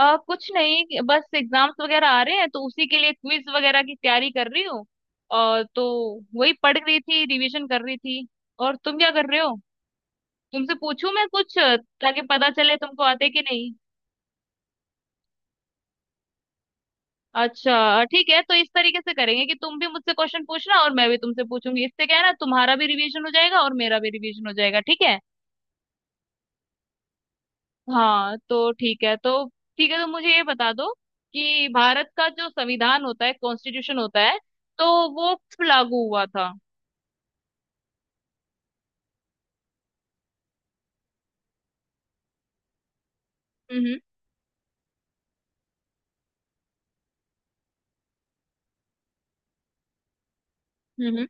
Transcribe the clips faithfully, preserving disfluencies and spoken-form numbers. आ, कुछ नहीं, बस एग्जाम्स वगैरह आ रहे हैं, तो उसी के लिए क्विज वगैरह की तैयारी कर रही हूँ। और तो वही पढ़ रही थी, रिवीजन कर रही थी। और तुम क्या कर रहे हो? तुमसे पूछूं मैं कुछ, ताकि पता चले तुमको आते कि नहीं। अच्छा, ठीक है, तो इस तरीके से करेंगे कि तुम भी मुझसे क्वेश्चन पूछना और मैं भी तुमसे पूछूंगी। इससे क्या है ना, तुम्हारा भी रिवीजन हो जाएगा और मेरा भी रिवीजन हो जाएगा, ठीक है? हाँ, तो ठीक है तो ठीक है तो मुझे ये बता दो कि भारत का जो संविधान होता है, कॉन्स्टिट्यूशन होता है, तो वो कब लागू हुआ था? हम्म। हम्म।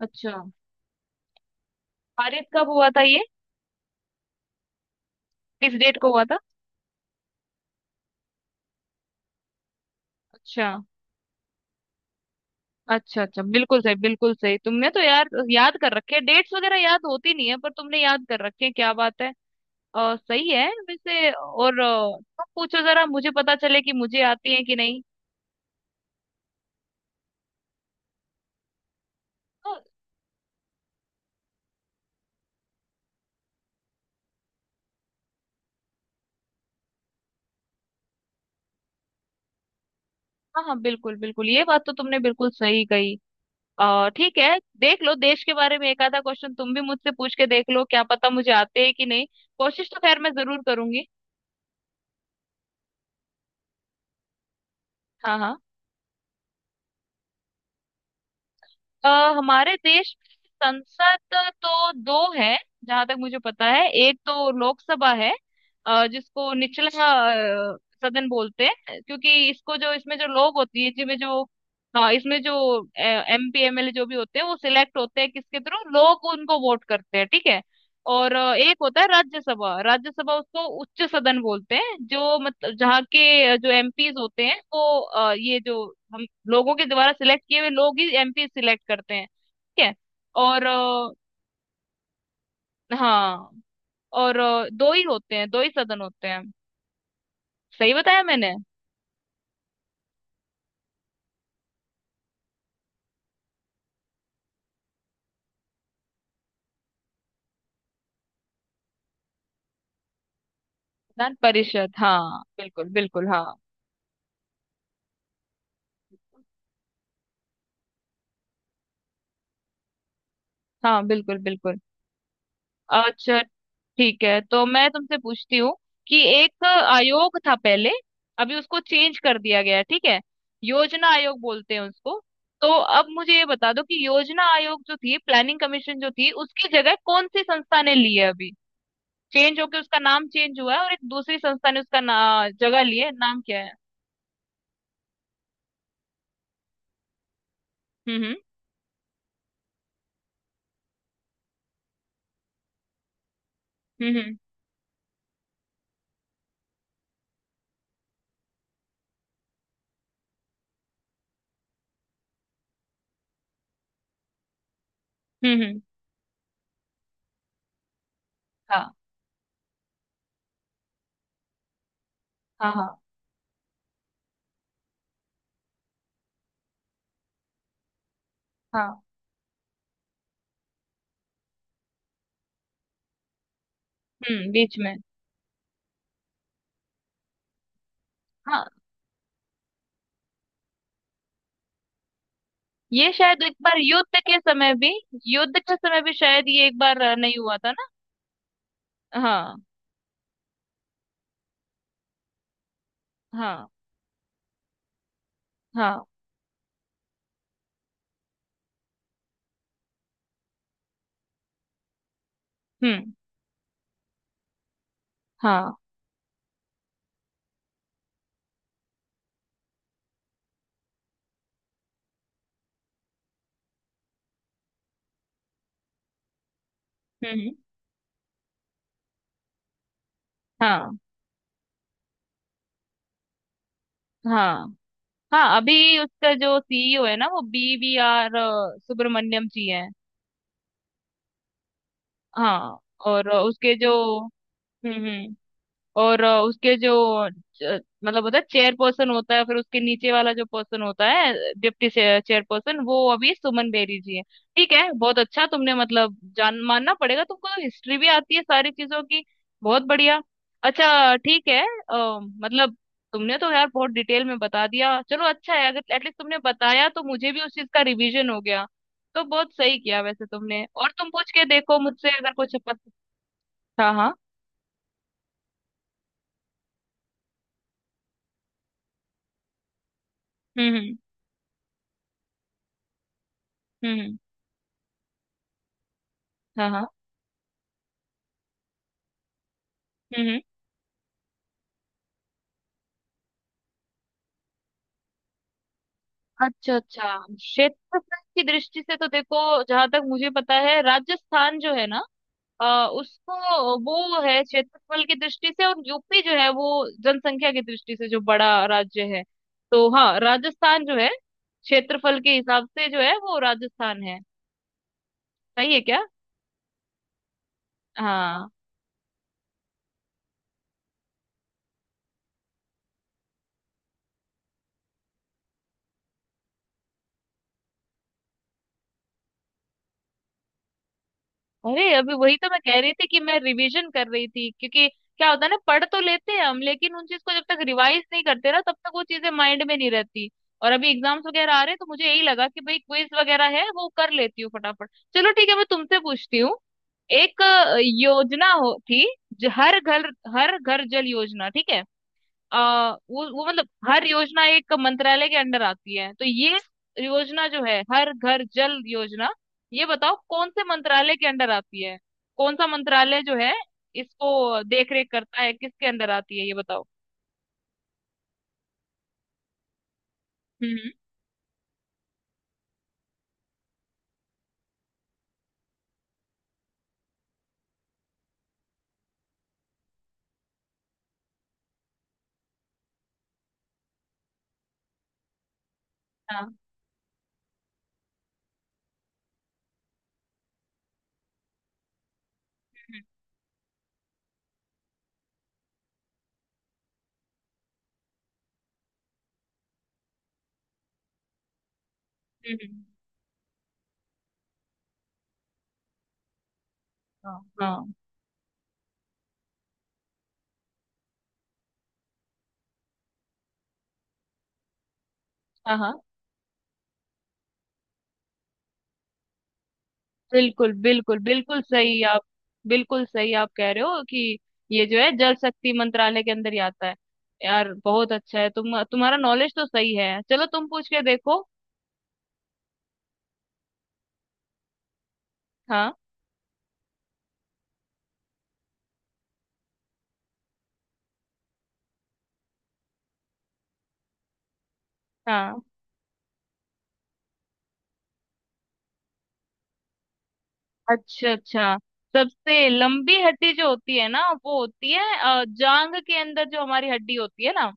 अच्छा। पारित कब हुआ था ये? किस डेट को हुआ था? अच्छा, अच्छा, अच्छा। बिल्कुल सही, बिल्कुल सही। तुमने तो यार याद कर रखे, डेट्स वगैरह याद होती नहीं है पर तुमने याद कर रखे हैं, क्या बात है। और सही है वैसे, और अ, तुम पूछो जरा, मुझे पता चले कि मुझे आती है कि नहीं। तो हाँ हाँ, बिल्कुल बिल्कुल, ये बात तो तुमने बिल्कुल सही कही। अ, ठीक है, देख लो, देश के बारे में एक आधा क्वेश्चन तुम भी मुझसे पूछ के देख लो, क्या पता मुझे आते हैं कि नहीं। कोशिश तो खैर मैं जरूर करूंगी। हाँ हाँ। अ, हमारे देश में संसद तो दो है, जहां तक मुझे पता है। एक तो लोकसभा है, अ, जिसको निचला अ, सदन बोलते हैं, क्योंकि इसको जो इसमें जो लोग होती है जिसमें जो, हाँ, इसमें जो एमपी एमएलए जो भी होते हैं, वो सिलेक्ट होते हैं, किसके थ्रू? लोग उनको वोट करते हैं, ठीक है। और अ, एक होता है राज्यसभा। राज्यसभा उसको उच्च सदन बोलते हैं, जो मतलब जहाँ के अ, जो एमपीज होते हैं वो अ, ये जो हम लोगों के द्वारा सिलेक्ट किए हुए लोग ही एमपी सिलेक्ट करते हैं, ठीक है। और अ, हाँ। और अ, दो ही होते हैं, दो ही सदन होते हैं, सही बताया मैंने। विधान परिषद, हाँ बिल्कुल बिल्कुल। हाँ हाँ बिल्कुल बिल्कुल। अच्छा, ठीक है, तो मैं तुमसे पूछती हूँ कि एक आयोग था पहले, अभी उसको चेंज कर दिया गया है, ठीक है। योजना आयोग बोलते हैं उसको। तो अब मुझे ये बता दो कि योजना आयोग जो थी, प्लानिंग कमीशन जो थी, उसकी जगह कौन सी संस्था ने ली है अभी? चेंज होके उसका नाम चेंज हुआ है और एक दूसरी संस्था ने उसका ना, जगह ली है, नाम क्या है? हम्म। हम्म। हम्म। हम्म। हम्म। हम्म। हाँ हाँ हाँ हाँ। हम्म, बीच में। हाँ। ये शायद एक बार युद्ध के समय भी युद्ध के समय भी शायद ये एक बार अ, नहीं हुआ था ना। हाँ हाँ हाँ। हम्म। हाँ। हम्म। हाँ हाँ हाँ। अभी उसका जो सीईओ है ना, वो B V R Subrahmanyam ji है। हाँ। और उसके जो हम्म हम्म और अ, उसके जो च- मतलब होता है चेयर पर्सन होता है, फिर उसके नीचे वाला जो पर्सन होता है डिप्टी चेयर पर्सन, वो अभी सुमन बेरी जी है। ठीक है, बहुत अच्छा, तुमने मतलब जान, मानना पड़ेगा तुमको तो, हिस्ट्री भी आती है सारी चीजों की, बहुत बढ़िया। अच्छा, ठीक है, अ, मतलब तुमने तो यार बहुत डिटेल में बता दिया, चलो अच्छा है, अगर एटलीस्ट तुमने बताया तो मुझे भी उस चीज का रिवीजन हो गया। तो बहुत सही किया वैसे तुमने, और तुम पूछ के देखो मुझसे, अगर कुछ पता। हाँ हाँ। हम्म हम्म हम्म हम्म। हाँ हाँ। हम्म हम्म। अच्छा अच्छा, क्षेत्रफल की दृष्टि से तो देखो, जहां तक मुझे पता है, राजस्थान जो है ना, अ, उसको वो है क्षेत्रफल की दृष्टि से। और यूपी जो है वो जनसंख्या की दृष्टि से जो बड़ा राज्य है। तो हाँ, राजस्थान जो है क्षेत्रफल के हिसाब से, जो है वो राजस्थान है। सही है क्या? हाँ। अरे, अभी वही तो मैं कह रही थी कि मैं रिवीजन कर रही थी, क्योंकि क्या होता है ना, पढ़ तो लेते हैं हम, लेकिन उन चीज को जब तक रिवाइज नहीं करते ना, तब तक वो चीजें माइंड में नहीं रहती। और अभी एग्जाम्स वगैरह आ रहे हैं, तो मुझे यही लगा कि भाई, क्विज वगैरह है वो कर लेती हूँ फटाफट। चलो ठीक है, मैं तुमसे पूछती हूँ। एक अ, योजना हो थी, जो हर घर हर घर जल योजना, ठीक है। आ, वो वो मतलब हर योजना एक मंत्रालय के अंडर आती है, तो ये योजना जो है हर घर जल योजना, ये बताओ कौन से मंत्रालय के अंडर आती है, कौन सा मंत्रालय जो है इसको देख रेख करता है, किसके अंदर आती है, ये बताओ। हम्म। हाँ। हम्म हम्म। हाँ हाँ हाँ हाँ, बिल्कुल बिल्कुल, बिल्कुल सही आप। बिल्कुल सही आप कह रहे हो कि ये जो है जल शक्ति मंत्रालय के अंदर ही आता है। यार बहुत अच्छा है, तुम तुम्हारा नॉलेज तो सही है, चलो तुम पूछ के देखो। हाँ हाँ। अच्छा अच्छा, सबसे लंबी हड्डी जो होती है ना, वो होती है अ, जांग के अंदर जो हमारी हड्डी होती है ना,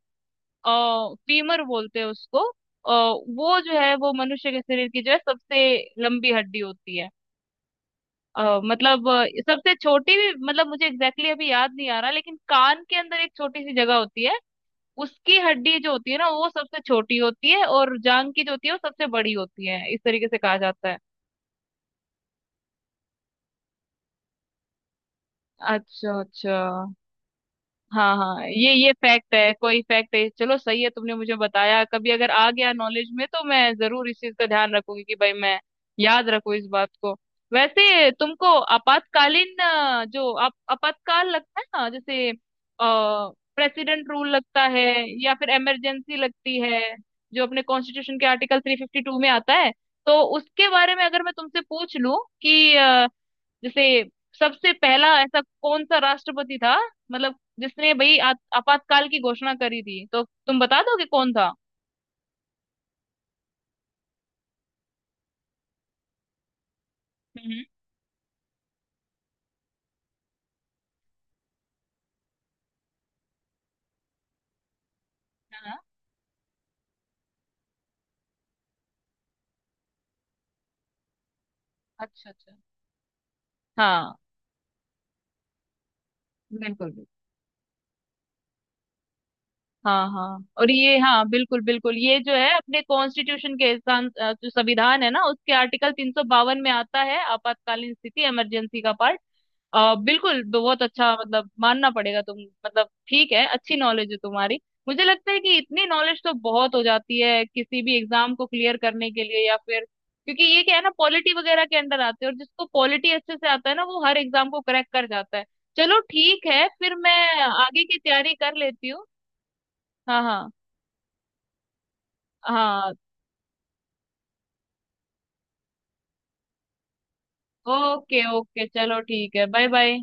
फीमर बोलते हैं उसको। अ, वो जो है, वो मनुष्य के शरीर की जो है सबसे लंबी हड्डी होती है। अ, मतलब अ, सबसे छोटी भी, मतलब मुझे एग्जैक्टली exactly अभी याद नहीं आ रहा, लेकिन कान के अंदर एक छोटी सी जगह होती है, उसकी हड्डी जो होती है ना, वो सबसे छोटी होती है। और जांग की जो होती है वो सबसे बड़ी होती है, इस तरीके से कहा जाता है। अच्छा अच्छा। हाँ हाँ, ये ये फैक्ट है, कोई फैक्ट है, चलो सही है। तुमने मुझे बताया, कभी अगर आ गया नॉलेज में तो मैं जरूर इस चीज का ध्यान रखूंगी कि भाई, मैं याद रखूं इस बात को। वैसे तुमको आपातकालीन, अ, जो आप आपातकाल लगता है ना, जैसे प्रेसिडेंट रूल लगता है, या फिर इमरजेंसी लगती है, जो अपने कॉन्स्टिट्यूशन के आर्टिकल थ्री फिफ्टी टू में आता है, तो उसके बारे में अगर मैं तुमसे पूछ लूं कि जैसे सबसे पहला ऐसा कौन सा राष्ट्रपति था, मतलब जिसने भाई आ- आपातकाल की घोषणा करी थी, तो तुम बता दोगे कौन था? हम्म। हाँ। अच्छा अच्छा। हाँ बिल्कुल। हाँ हाँ, और ये हाँ, बिल्कुल बिल्कुल, ये जो है अपने कॉन्स्टिट्यूशन के सं- अ, जो संविधान है ना, उसके आर्टिकल तीन सौ बावन में आता है आपातकालीन स्थिति इमरजेंसी का पार्ट। आ, बिल्कुल, बहुत अच्छा, मतलब मानना पड़ेगा तुम। मतलब ठीक है, अच्छी नॉलेज है तुम्हारी। मुझे लगता है कि इतनी नॉलेज तो बहुत हो जाती है किसी भी एग्जाम को क्लियर करने के लिए, या फिर, क्योंकि ये क्या है ना, पॉलिटी वगैरह के अंडर आते हैं, और जिसको पॉलिटी अच्छे से आता है ना, वो हर एग्जाम को क्रैक कर जाता है। चलो ठीक है, फिर मैं आगे की तैयारी कर लेती हूँ। हाँ हाँ हाँ। ओके ओके, चलो ठीक है, बाय बाय।